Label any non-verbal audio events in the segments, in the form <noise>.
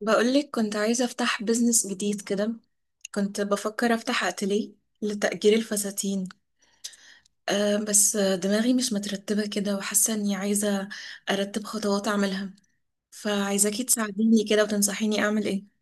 بقولك كنت عايزة أفتح بيزنس جديد كده. كنت بفكر أفتح أتليه لتأجير الفساتين. أه، بس دماغي مش مترتبة كده، وحاسة إني عايزة أرتب خطوات أعملها، فعايزاكي تساعديني كده وتنصحيني أعمل إيه.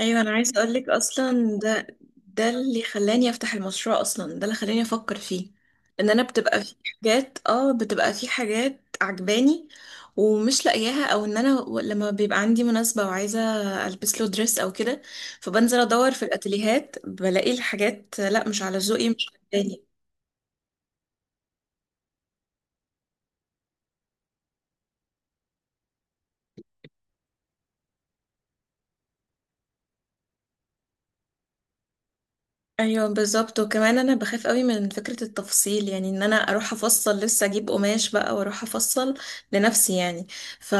ايوه، انا عايزه اقولك اصلا ده اللي خلاني افتح المشروع، اصلا ده اللي خلاني افكر فيه. ان انا بتبقى في حاجات عجباني ومش لاقياها، او لما بيبقى عندي مناسبه وعايزه البس له دريس او كده، فبنزل ادور في الاتيليهات بلاقي الحاجات لا مش على ذوقي، مش عجباني. ايوه بالظبط، وكمان انا بخاف قوي من فكره التفصيل، يعني ان انا اروح افصل لسه، اجيب قماش بقى واروح افصل لنفسي يعني. ف...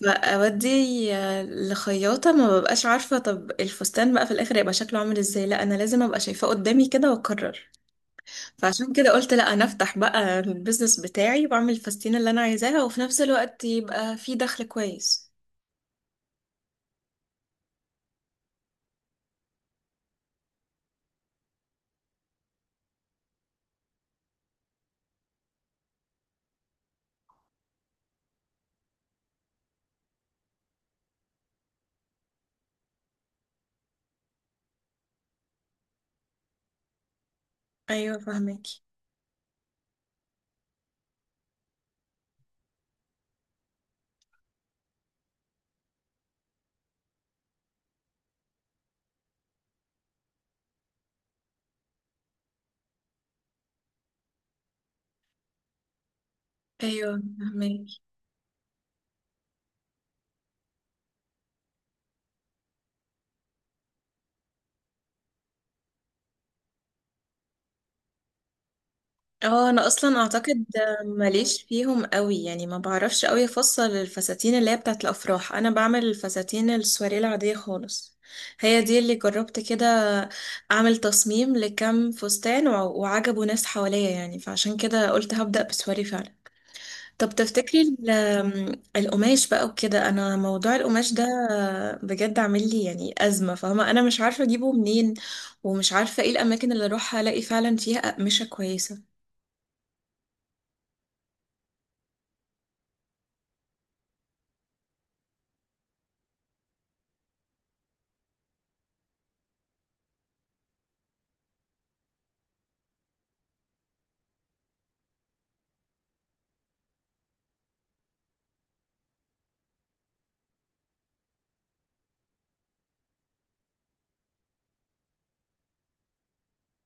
فاودي لخياطه ما ببقاش عارفه طب الفستان بقى في الاخر يبقى شكله عامل ازاي. لا انا لازم ابقى شايفاه قدامي كده واقرر، فعشان كده قلت لا انا افتح بقى البيزنس بتاعي واعمل الفساتين اللي انا عايزاها، وفي نفس الوقت يبقى في دخل كويس. ايوه فهمك. ايوه فهمك. اه انا اصلا اعتقد ماليش فيهم قوي، يعني ما بعرفش قوي افصل الفساتين اللي هي بتاعت الافراح. انا بعمل الفساتين السواريه العاديه خالص، هي دي اللي جربت كده، اعمل تصميم لكم فستان، وع- وعجبوا ناس حواليا يعني، فعشان كده قلت هبدأ بسواري فعلا. طب تفتكري ال- آم، القماش بقى وكده، انا موضوع القماش ده بجد عامل لي يعني ازمه. فاهمه، انا مش عارفه اجيبه منين، ومش عارفه ايه الاماكن اللي اروح الاقي فعلا فيها اقمشه كويسه.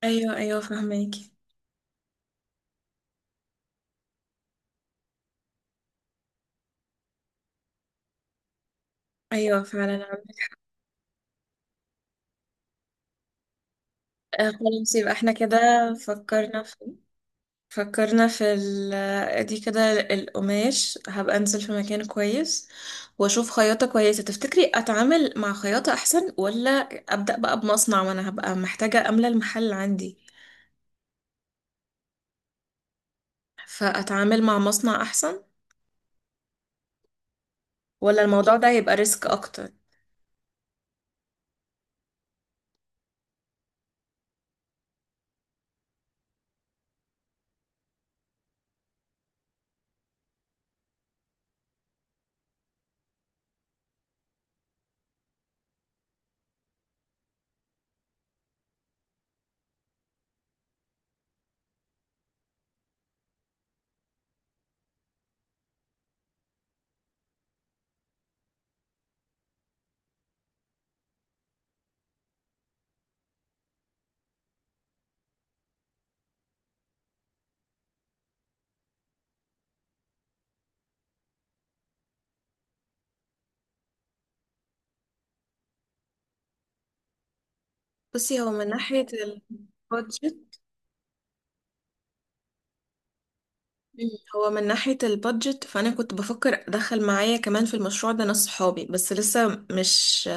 ايوه، ايوه فهماكي. ايوه فعلا عندك. آه خلاص، يبقى احنا كده فكرنا في فكرنا في دي كده. القماش هبقى انزل في مكان كويس، واشوف خياطة كويسة. تفتكري اتعامل مع خياطة احسن، ولا ابدأ بقى بمصنع؟ ما انا هبقى محتاجة املى المحل عندي، فاتعامل مع مصنع احسن، ولا الموضوع ده هيبقى ريسك اكتر؟ بصي، هو من ناحية البادجت مم. هو من ناحية البادجت، فأنا كنت بفكر أدخل معايا كمان في المشروع ده ناس صحابي، بس لسه مش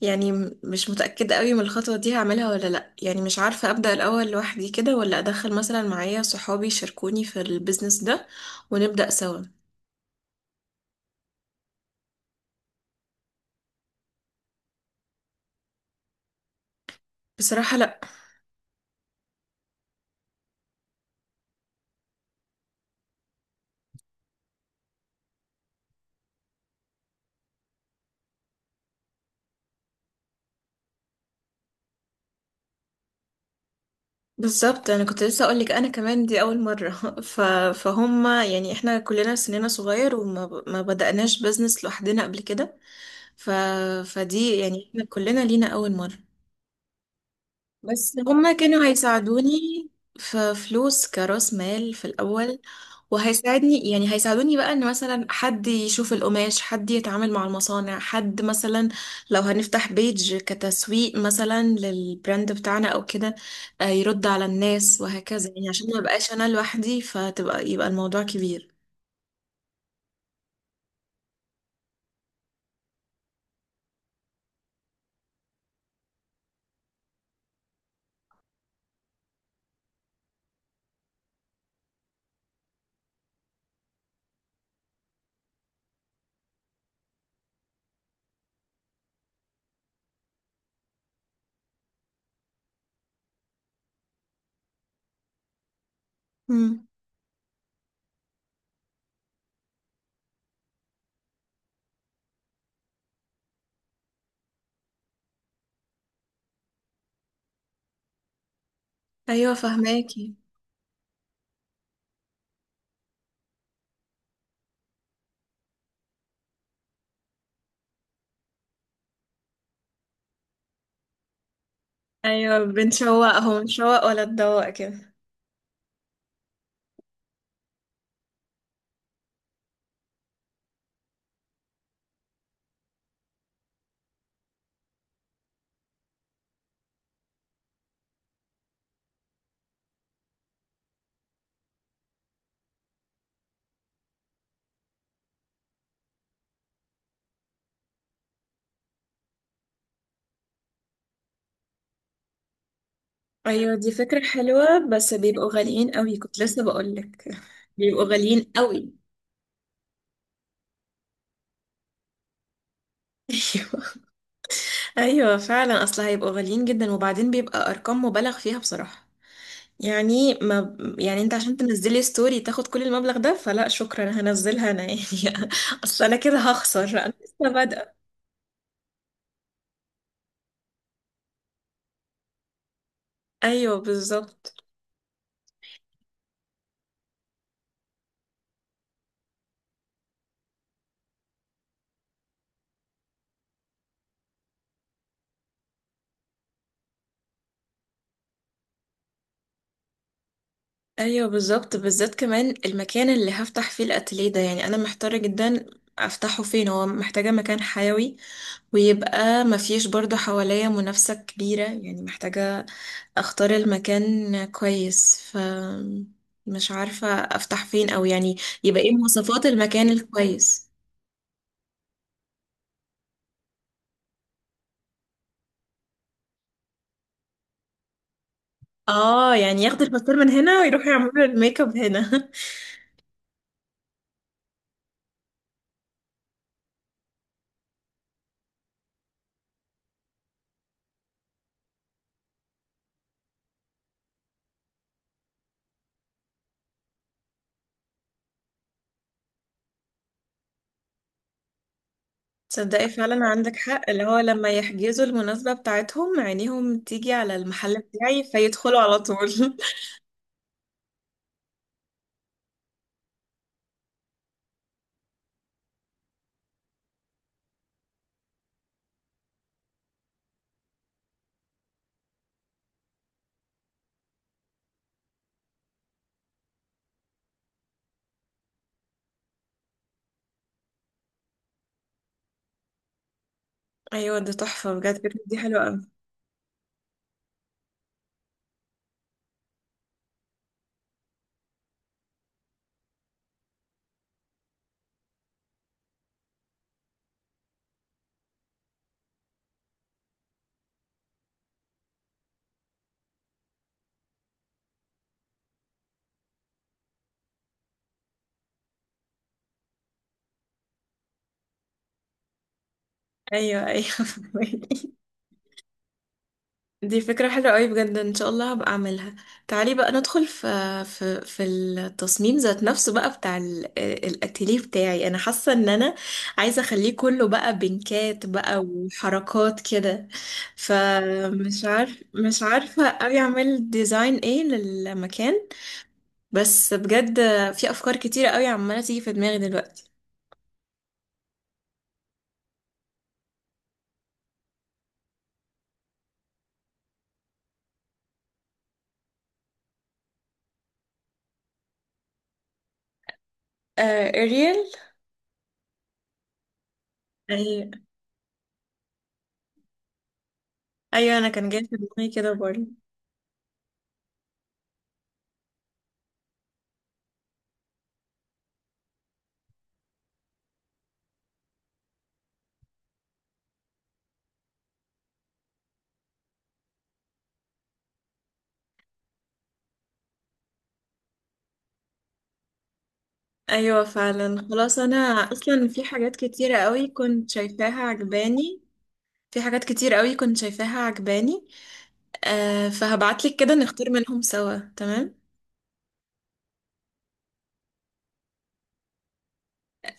يعني مش متأكدة قوي من الخطوة دي هعملها ولا لأ. يعني مش عارفة أبدأ الأول لوحدي كده، ولا أدخل مثلا معايا صحابي يشاركوني في البيزنس ده ونبدأ سوا. بصراحة لأ. بالظبط، أنا كنت لسه أقولك، أنا كمان دي أول مرة <laughs> ف... فهم يعني إحنا كلنا سننا صغير، وما ب... ما بدأناش بيزنس لوحدنا قبل كده. ف... فدي يعني إحنا كلنا لينا أول مرة. بس هما كانوا هيساعدوني في فلوس كرأس مال في الأول، وهيساعدني يعني هيساعدوني بقى، ان مثلا حد يشوف القماش، حد يتعامل مع المصانع، حد مثلا لو هنفتح بيج كتسويق مثلا للبراند بتاعنا او كده، يرد على الناس وهكذا. يعني عشان ما بقاش انا لوحدي، فتبقى يبقى الموضوع كبير. مم. ايوه فهماكي. ايوه بنشوق اهو بنشوق ولا تدوق كده. ايوه دي فكرة حلوة، بس بيبقوا غاليين قوي، كنت لسه بقولك <laughs> بيبقوا غاليين قوي <laughs> ايوه، ايوه فعلا، اصل هيبقوا غاليين جدا، وبعدين بيبقى ارقام مبالغ فيها بصراحة. يعني ما يعني انت عشان تنزلي ستوري تاخد كل المبلغ ده، فلا شكرا، هنزلها انا يعني <laughs> اصل انا كده هخسر، انا لسه بادئة. ايوه بالظبط. ايوه بالظبط، بالذات كمان المكان اللي هفتح فيه الاتelier ده، يعني انا محتارة جدا افتحه فين. هو محتاجة مكان حيوي، ويبقى مفيش برضه حواليا منافسة كبيرة، يعني محتاجة اختار المكان كويس، ف مش عارفة افتح فين، او يعني يبقى ايه مواصفات المكان الكويس؟ اه يعني ياخدوا الباسبور من هنا ويروحوا يعملوا الميك اب هنا. <laughs> تصدقي فعلا عندك حق، اللي هو لما يحجزوا المناسبة بتاعتهم عينيهم تيجي على المحل بتاعي فيدخلوا على طول <laughs> ايوه ده تحفة بجد، فكرة دي حلوة اوي. ايوه ايوه <laughs> دي فكرة حلوة قوي بجد، ان شاء الله هبقى اعملها. تعالي بقى ندخل في التصميم ذات نفسه بقى بتاع الاتيليه بتاعي. انا حاسة ان انا عايزة اخليه كله بقى بنكات بقى وحركات كده، فمش عارف مش عارفة قوي اعمل ديزاين ايه للمكان. بس بجد في افكار كتيرة قوي عمالة تيجي في دماغي دلوقتي. آه اريال. ايوه ايوه، انا كان جاي في دماغي كده برضه. ايوه فعلا خلاص. انا اصلا في حاجات كتيره قوي كنت شايفاها عجباني، في حاجات كتير قوي كنت شايفاها عجباني. آه فهبعتلك كده نختار منهم سوا، تمام.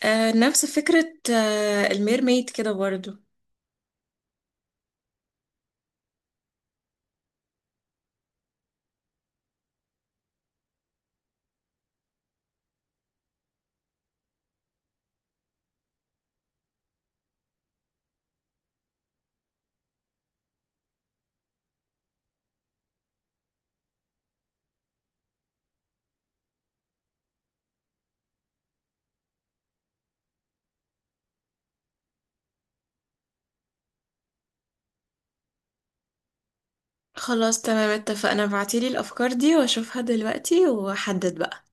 آه نفس فكره. آه الميرميد كده برضو. خلاص تمام، اتفقنا، ابعتيلي الافكار دي واشوفها دلوقتي واحدد بقى.